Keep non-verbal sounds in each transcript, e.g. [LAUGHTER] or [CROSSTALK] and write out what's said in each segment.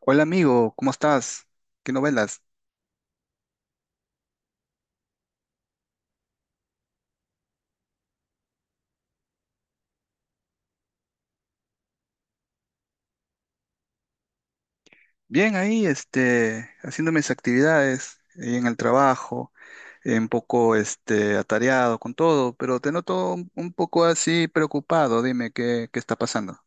Hola amigo, ¿cómo estás? ¿Qué novelas? Bien ahí, haciendo mis actividades en el trabajo, un poco atareado con todo, pero te noto un poco así preocupado, dime qué está pasando.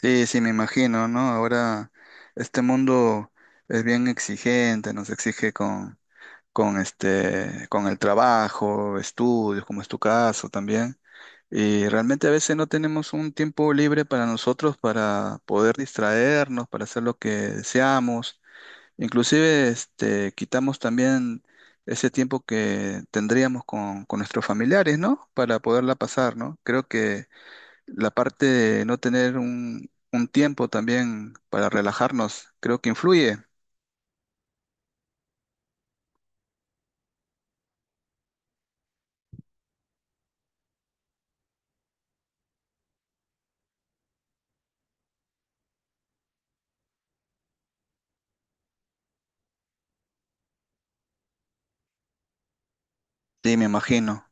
Sí, sí, me imagino, ¿no? Ahora este mundo es bien exigente, nos exige con con el trabajo, estudios, como es tu caso también. Y realmente a veces no tenemos un tiempo libre para nosotros para poder distraernos, para hacer lo que deseamos. Inclusive quitamos también ese tiempo que tendríamos con nuestros familiares, ¿no? Para poderla pasar, ¿no? Creo que la parte de no tener un tiempo también para relajarnos, creo que influye. Sí, me imagino.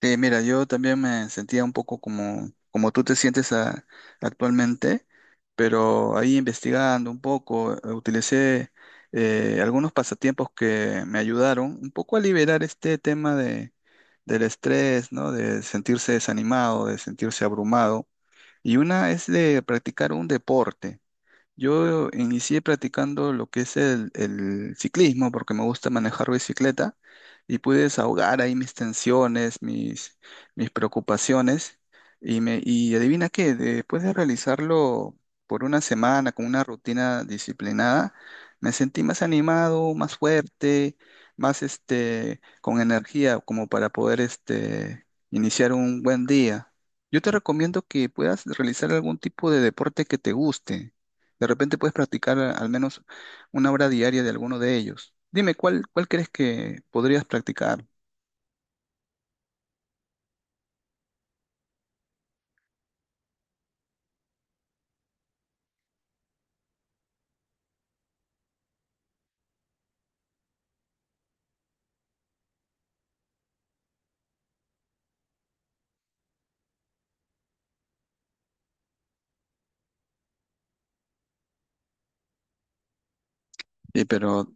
Sí, mira, yo también me sentía un poco como tú te sientes actualmente, pero ahí investigando un poco, utilicé algunos pasatiempos que me ayudaron un poco a liberar este tema del estrés, ¿no? De sentirse desanimado, de sentirse abrumado. Y una es de practicar un deporte. Yo inicié practicando lo que es el ciclismo porque me gusta manejar bicicleta y pude desahogar ahí mis tensiones, mis preocupaciones y, y adivina qué, después de realizarlo por una semana con una rutina disciplinada, me sentí más animado, más fuerte, más con energía como para poder iniciar un buen día. Yo te recomiendo que puedas realizar algún tipo de deporte que te guste. De repente puedes practicar al menos una hora diaria de alguno de ellos. Dime, ¿ cuál crees que podrías practicar? Y pero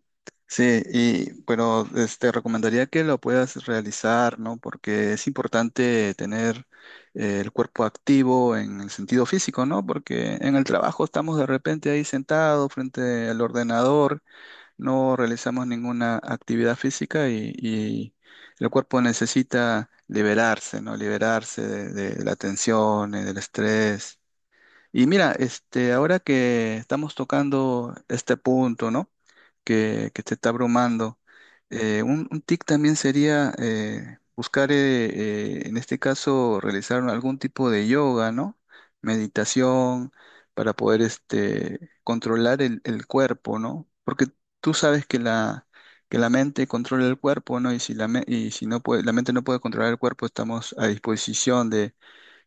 sí, y pero este recomendaría que lo puedas realizar, ¿no? Porque es importante tener el cuerpo activo en el sentido físico, ¿no? Porque en el trabajo estamos de repente ahí sentados frente al ordenador no realizamos ninguna actividad física y el cuerpo necesita liberarse, ¿no? Liberarse de la tensión, del estrés y mira, este, ahora que estamos tocando este punto, ¿no? Que te está abrumando, un tic también sería buscar, en este caso, realizar algún tipo de yoga, ¿no? Meditación, para poder controlar el cuerpo, ¿no? Porque tú sabes que que la mente controla el cuerpo, ¿no? Y si, y si no puede, la mente no puede controlar el cuerpo, estamos a disposición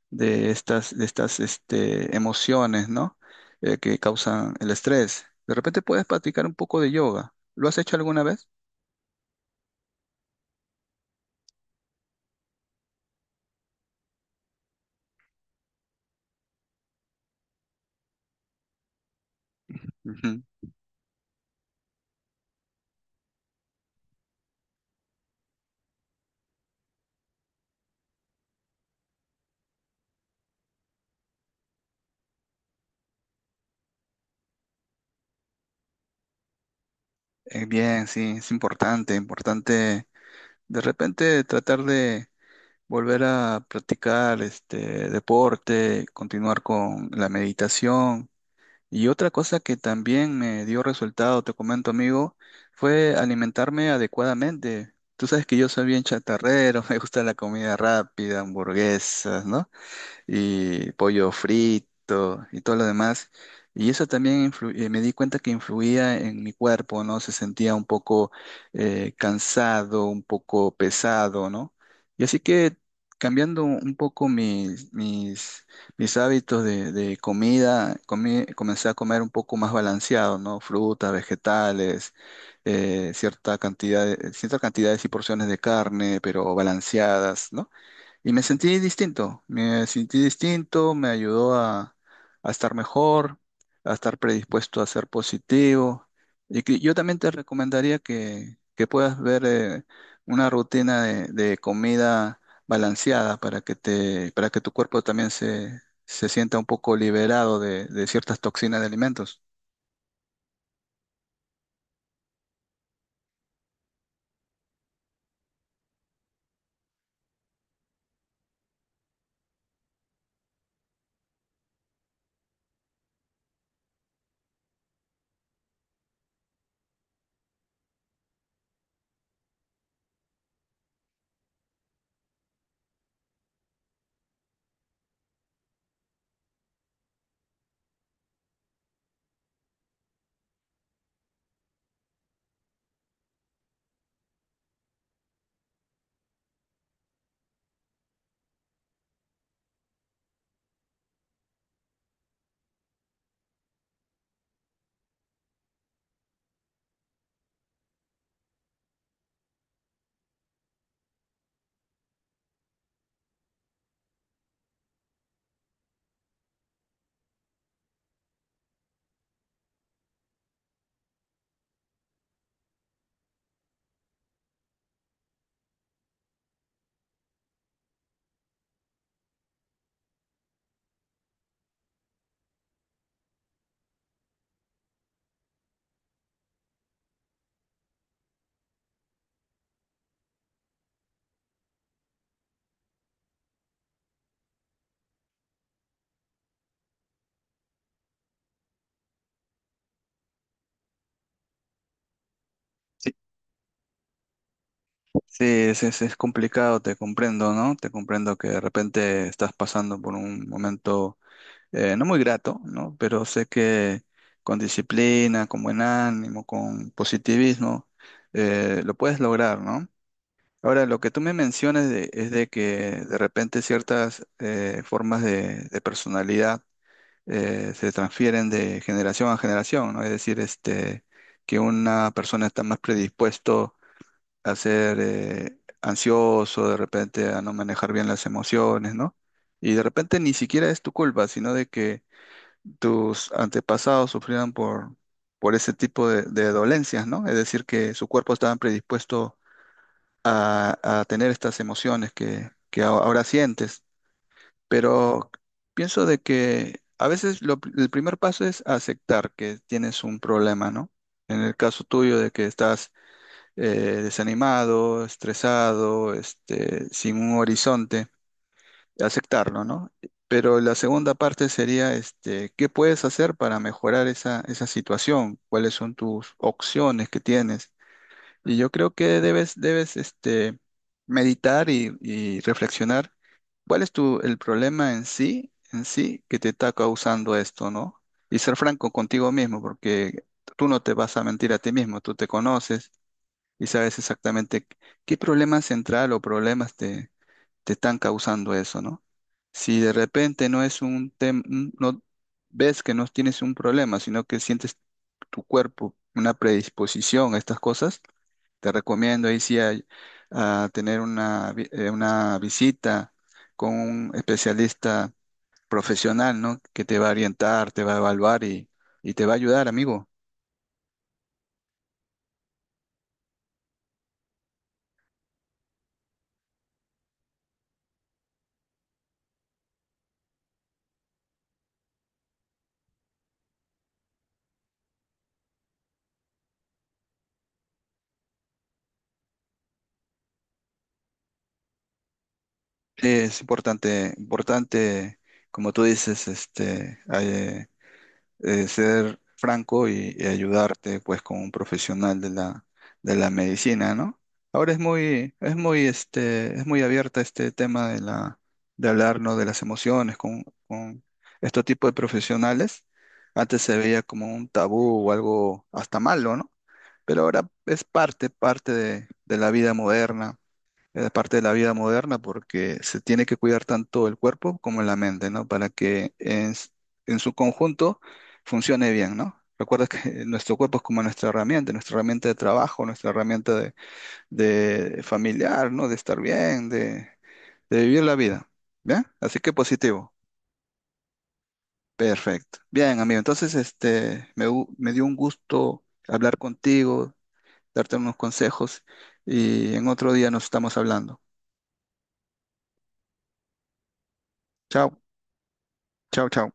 de estas emociones, ¿no? Que causan el estrés. De repente puedes practicar un poco de yoga. ¿Lo has hecho alguna vez? Ujú. Bien, sí, es importante, importante. De repente tratar de volver a practicar este deporte, continuar con la meditación. Y otra cosa que también me dio resultado, te comento amigo, fue alimentarme adecuadamente. Tú sabes que yo soy bien chatarrero, [LAUGHS] me gusta la comida rápida, hamburguesas, ¿no? Y pollo frito y todo lo demás. Y eso también me di cuenta que influía en mi cuerpo, ¿no? Se sentía un poco cansado, un poco pesado, ¿no? Y así que cambiando un poco mis hábitos de comida, comencé a comer un poco más balanceado, ¿no? Frutas, vegetales, cierta cantidad, de- cierta cantidades y porciones de carne, pero balanceadas, ¿no? Y me sentí distinto, me sentí distinto, me ayudó a estar mejor, a estar predispuesto a ser positivo. Y que yo también te recomendaría que puedas ver una rutina de comida balanceada para que te, para que tu cuerpo también se sienta un poco liberado de ciertas toxinas de alimentos. Sí, sí, es complicado, te comprendo, ¿no? Te comprendo que de repente estás pasando por un momento no muy grato, ¿no? Pero sé que con disciplina, con buen ánimo, con positivismo, lo puedes lograr, ¿no? Ahora, lo que tú me mencionas de- es de que de repente ciertas formas de personalidad se transfieren de generación a generación, ¿no? Es decir, que una persona está más predispuesto a ser ansioso, de repente a no manejar bien las emociones, ¿no? Y de repente ni siquiera es tu culpa, sino de que tus antepasados sufrían por ese tipo de dolencias, ¿no? Es decir, que su cuerpo estaba predispuesto a tener estas emociones que ahora sientes. Pero pienso de que a veces el primer paso es aceptar que tienes un problema, ¿no? En el caso tuyo de que estás desanimado, estresado, sin un horizonte aceptarlo, ¿no? Pero la segunda parte sería, este, ¿qué puedes hacer para mejorar esa situación? ¿Cuáles son tus opciones que tienes? Y yo creo que debes, este, meditar y reflexionar cuál es tu, el problema en sí, que te está causando esto, ¿no? Y ser franco contigo mismo, porque tú no te vas a mentir a ti mismo, tú te conoces y sabes exactamente qué problema central o problemas te están causando eso, ¿no? Si de repente no es un tema, no ves que no tienes un problema, sino que sientes tu cuerpo una predisposición a estas cosas, te recomiendo ahí sí a tener una visita con un especialista profesional, ¿no? Que te va a orientar, te va a evaluar y te va a ayudar, amigo. Sí, es importante, importante, como tú dices, ser franco y ayudarte pues con un profesional de de la medicina, ¿no? Ahora es muy abierta este tema de la, de hablarnos de las emociones con este tipo de profesionales. Antes se veía como un tabú o algo hasta malo, ¿no? Pero ahora es parte, parte de la vida moderna es parte de la vida moderna porque se tiene que cuidar tanto el cuerpo como la mente, ¿no? Para que en su conjunto funcione bien, ¿no? Recuerda que [LAUGHS] nuestro cuerpo es como nuestra herramienta de trabajo, nuestra herramienta de familiar, ¿no? De estar bien, de vivir la vida. ¿Bien? Así que positivo. Perfecto. Bien, amigo. Entonces, me dio un gusto hablar contigo, darte unos consejos y en otro día nos estamos hablando. Chao, chao, chao.